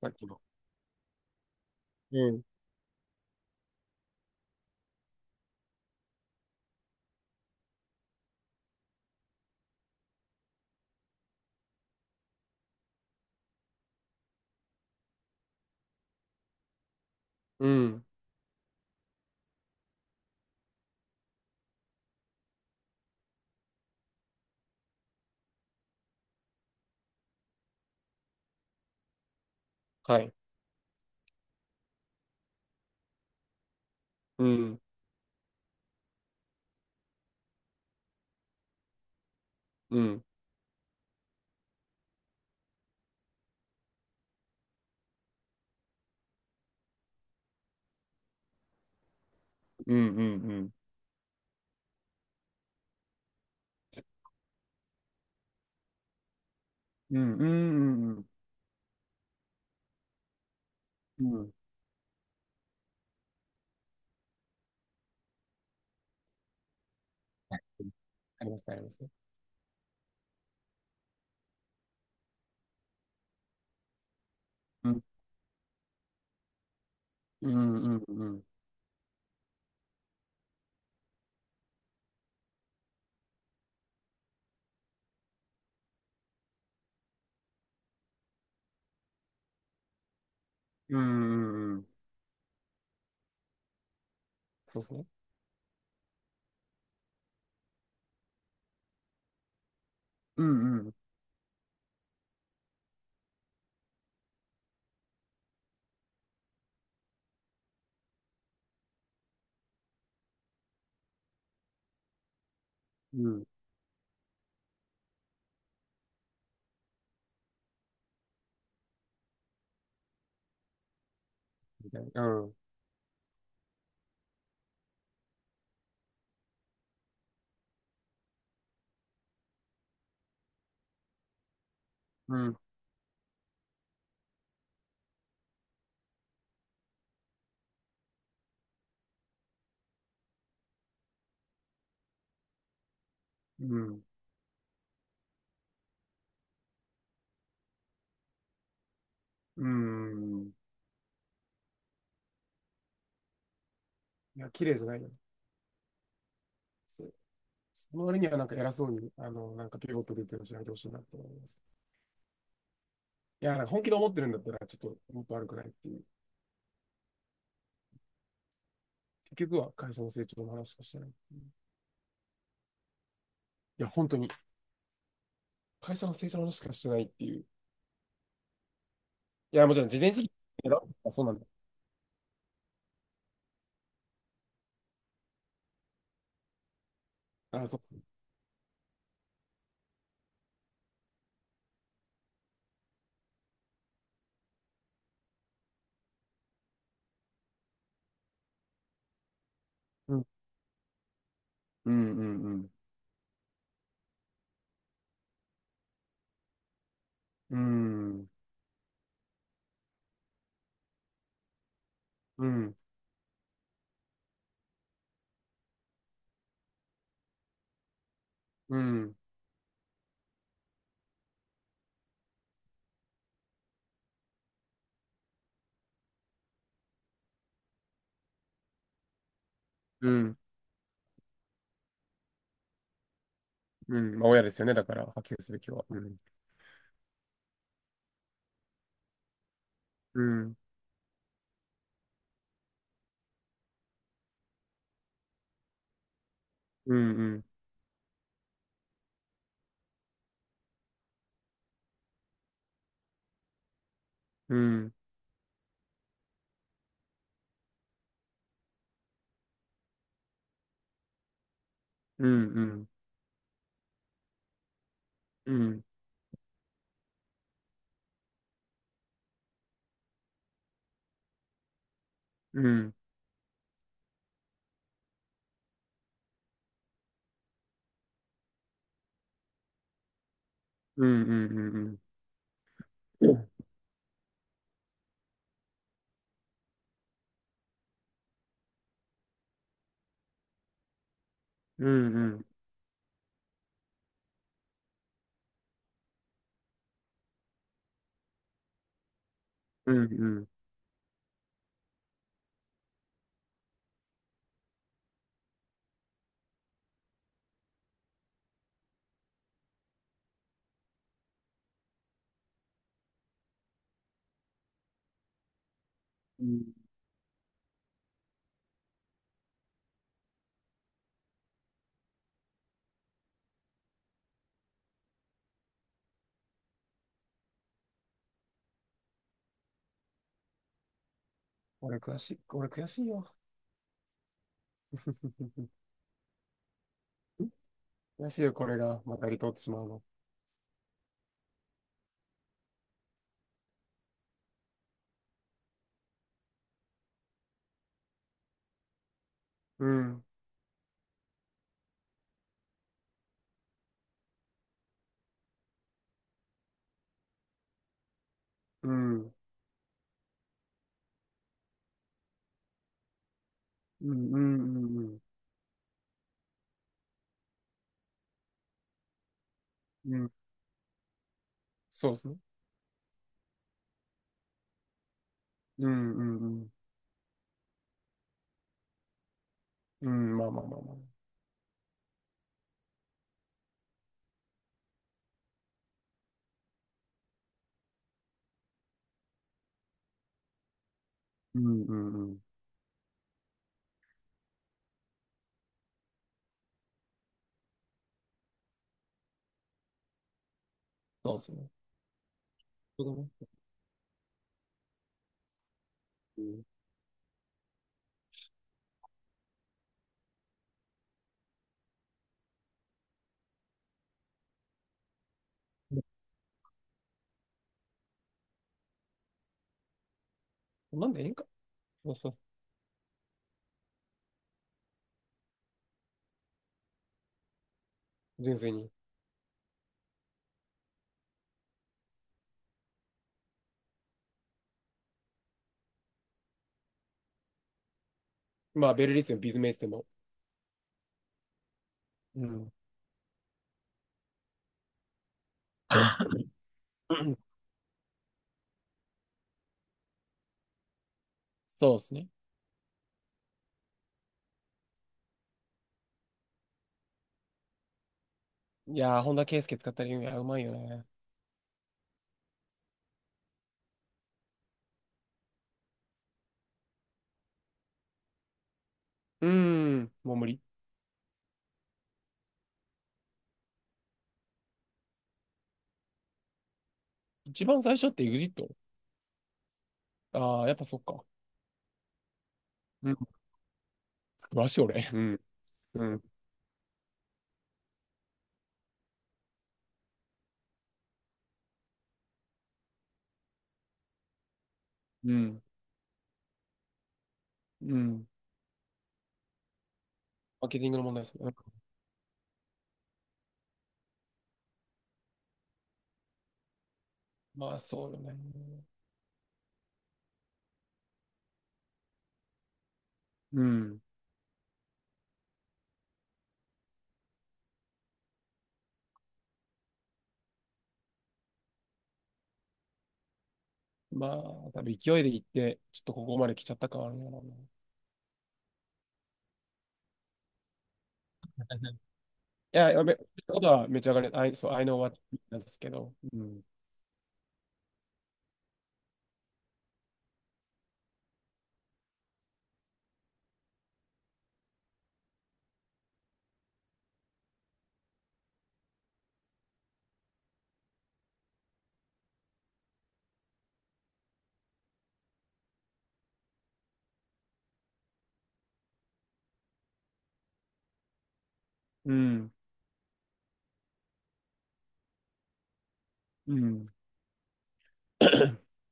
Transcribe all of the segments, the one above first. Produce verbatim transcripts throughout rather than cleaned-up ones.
さっきの。うん、うん、はい。うん、うん、うん、うん、うん、うん、うん、うん、うん、うん、はい。ありますね、あります。うん、うん、うん、うん、うん、うん、うん、そうですね。うん、うん、うん、みたいな。うん、うん、うん、うん。いや、綺麗じゃないよ。そう。その割にはなんか偉そうに、あの、なんかピボット出てるしないでほしいなと思います。いや、なんか本気で思ってるんだったら、ちょっともっと悪くないっていう。結局は会社の成長の話しかしてないっていう。いや、本当に。会社の成長の話しかしてないっていう。いや、もちろん、事前知識だろあ、そうなんだ。あ、そうそう。うん。うん、うん、うん。うん、うん、うん、うん。うん、まあ、親ですよね。だから、波及すべきは。うん、うん、うん、うん、うん、うん、うん、うん、うん、うん、うん、うん、うん、うん、うん、うん。うん。俺悔しい、俺悔しいよ。悔しいよ、これが、また離島ってしまうの。うん、うん、うん、うん、うん、うん。うん、そうですね。うん、うん、うん。うん、まあまあまあまあ。うん、うん、うん。そうですね。そうだね。うん、なんでええんか。そうそう、純粋に。まあ、ベルリスでもビズメイスでも。うん。そうですね。いやー、本田圭佑使った理由がうまいよね。うーん、もう無理。一番最初って e ジット。ああー、やっぱそっか。うん、詳しい俺。うん、うん、うん、うん。マーケティングの問題ですね。まあ、そうよね。うん。まあ、多分勢いで行って、ちょっとここまで来ちゃった感あるんやろうな。や、やめ、ことはめちゃ上がり、あいそう I know what なんですけど。うん。うん。うん。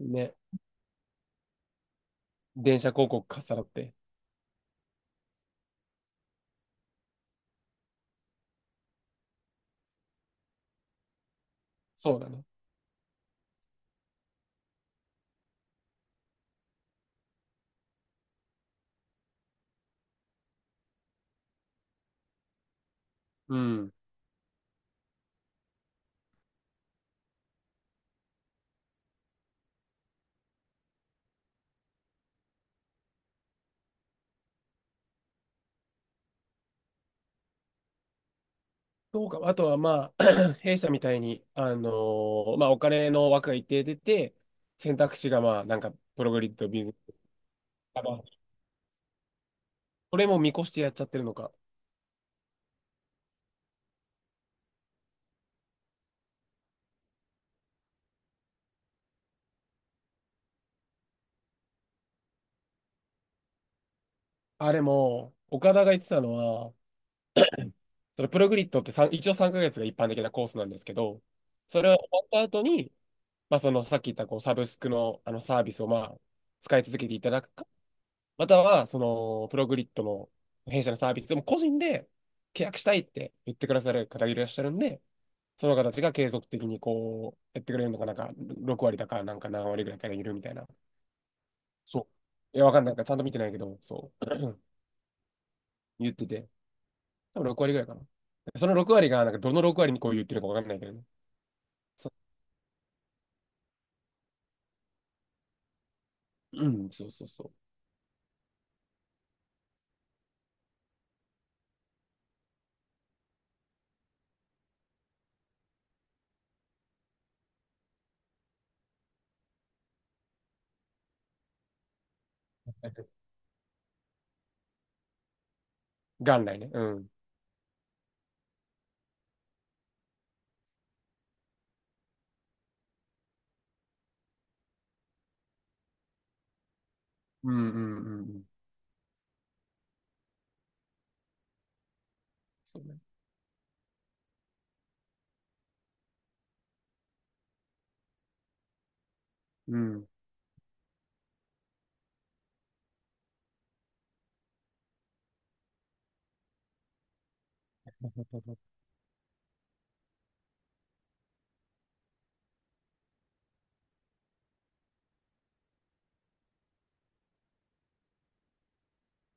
ね。電車広告かっさらって。そうだね。うん。そうか。あとはまあ、弊社みたいに、あのーまあお金の枠が一定出て、選択肢がまあ、なんか、プログリッド、ビズ、あまあこれも見越してやっちゃってるのか。あれも、岡田が言ってたのは、それプログリッドってさん一応さんかげつが一般的なコースなんですけど、それは終わった後に、まあ、そのさっき言ったこうサブスクのあのサービスをまあ使い続けていただくか、またはそのプログリッドの弊社のサービスでも個人で契約したいって言ってくださる方がいらっしゃるんで、その方たちが継続的にこうやってくれるのかなんか、ろく割だかなんか何割ぐらいからいるみたいな。そう。いや、わかんないからちゃんと見てないけど、そう。言ってて、多分ろく割ぐらいかな。そのろく割が、なんかどのろく割にこう言ってるかわかんないけどね。そうん、そうそうそう。元来ね。うん。うん、うん、うん、うん。そうね。うん。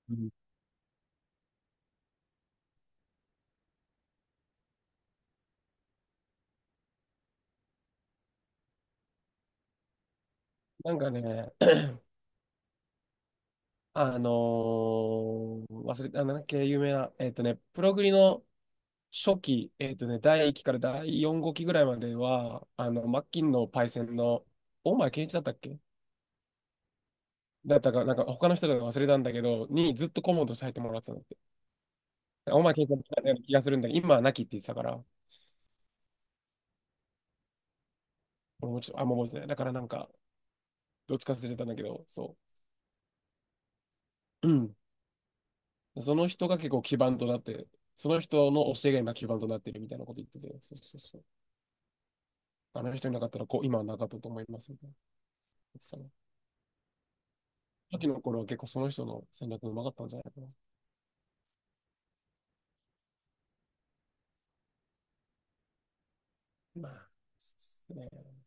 うん。なんかね、あのー忘れた、あなんだっけ、有名な、えっとね、プログリの初期、えっとね、だいいっきからだいよんごうきぐらいまでは、あの、マッキンのパイセンの、大前健一だったっけだったか、なんか他の人だか忘れたんだけど、にずっと顧問として入ってもらってたんだって。大前健一だったような気がするんだけど、今はなきって言ってたから、俺もちょっとあんま覚えてない。だからなんか、どっちか忘れてたんだけど、そう。うん。その人が結構基盤となって、その人の教えが今基盤となってるみたいなこと言ってて、そうそうそう。あの人いなかったらこう、今はなかったと思いますね。さっきの頃は結構その人の戦略うまかったんじゃないかな。まあ、そうですね。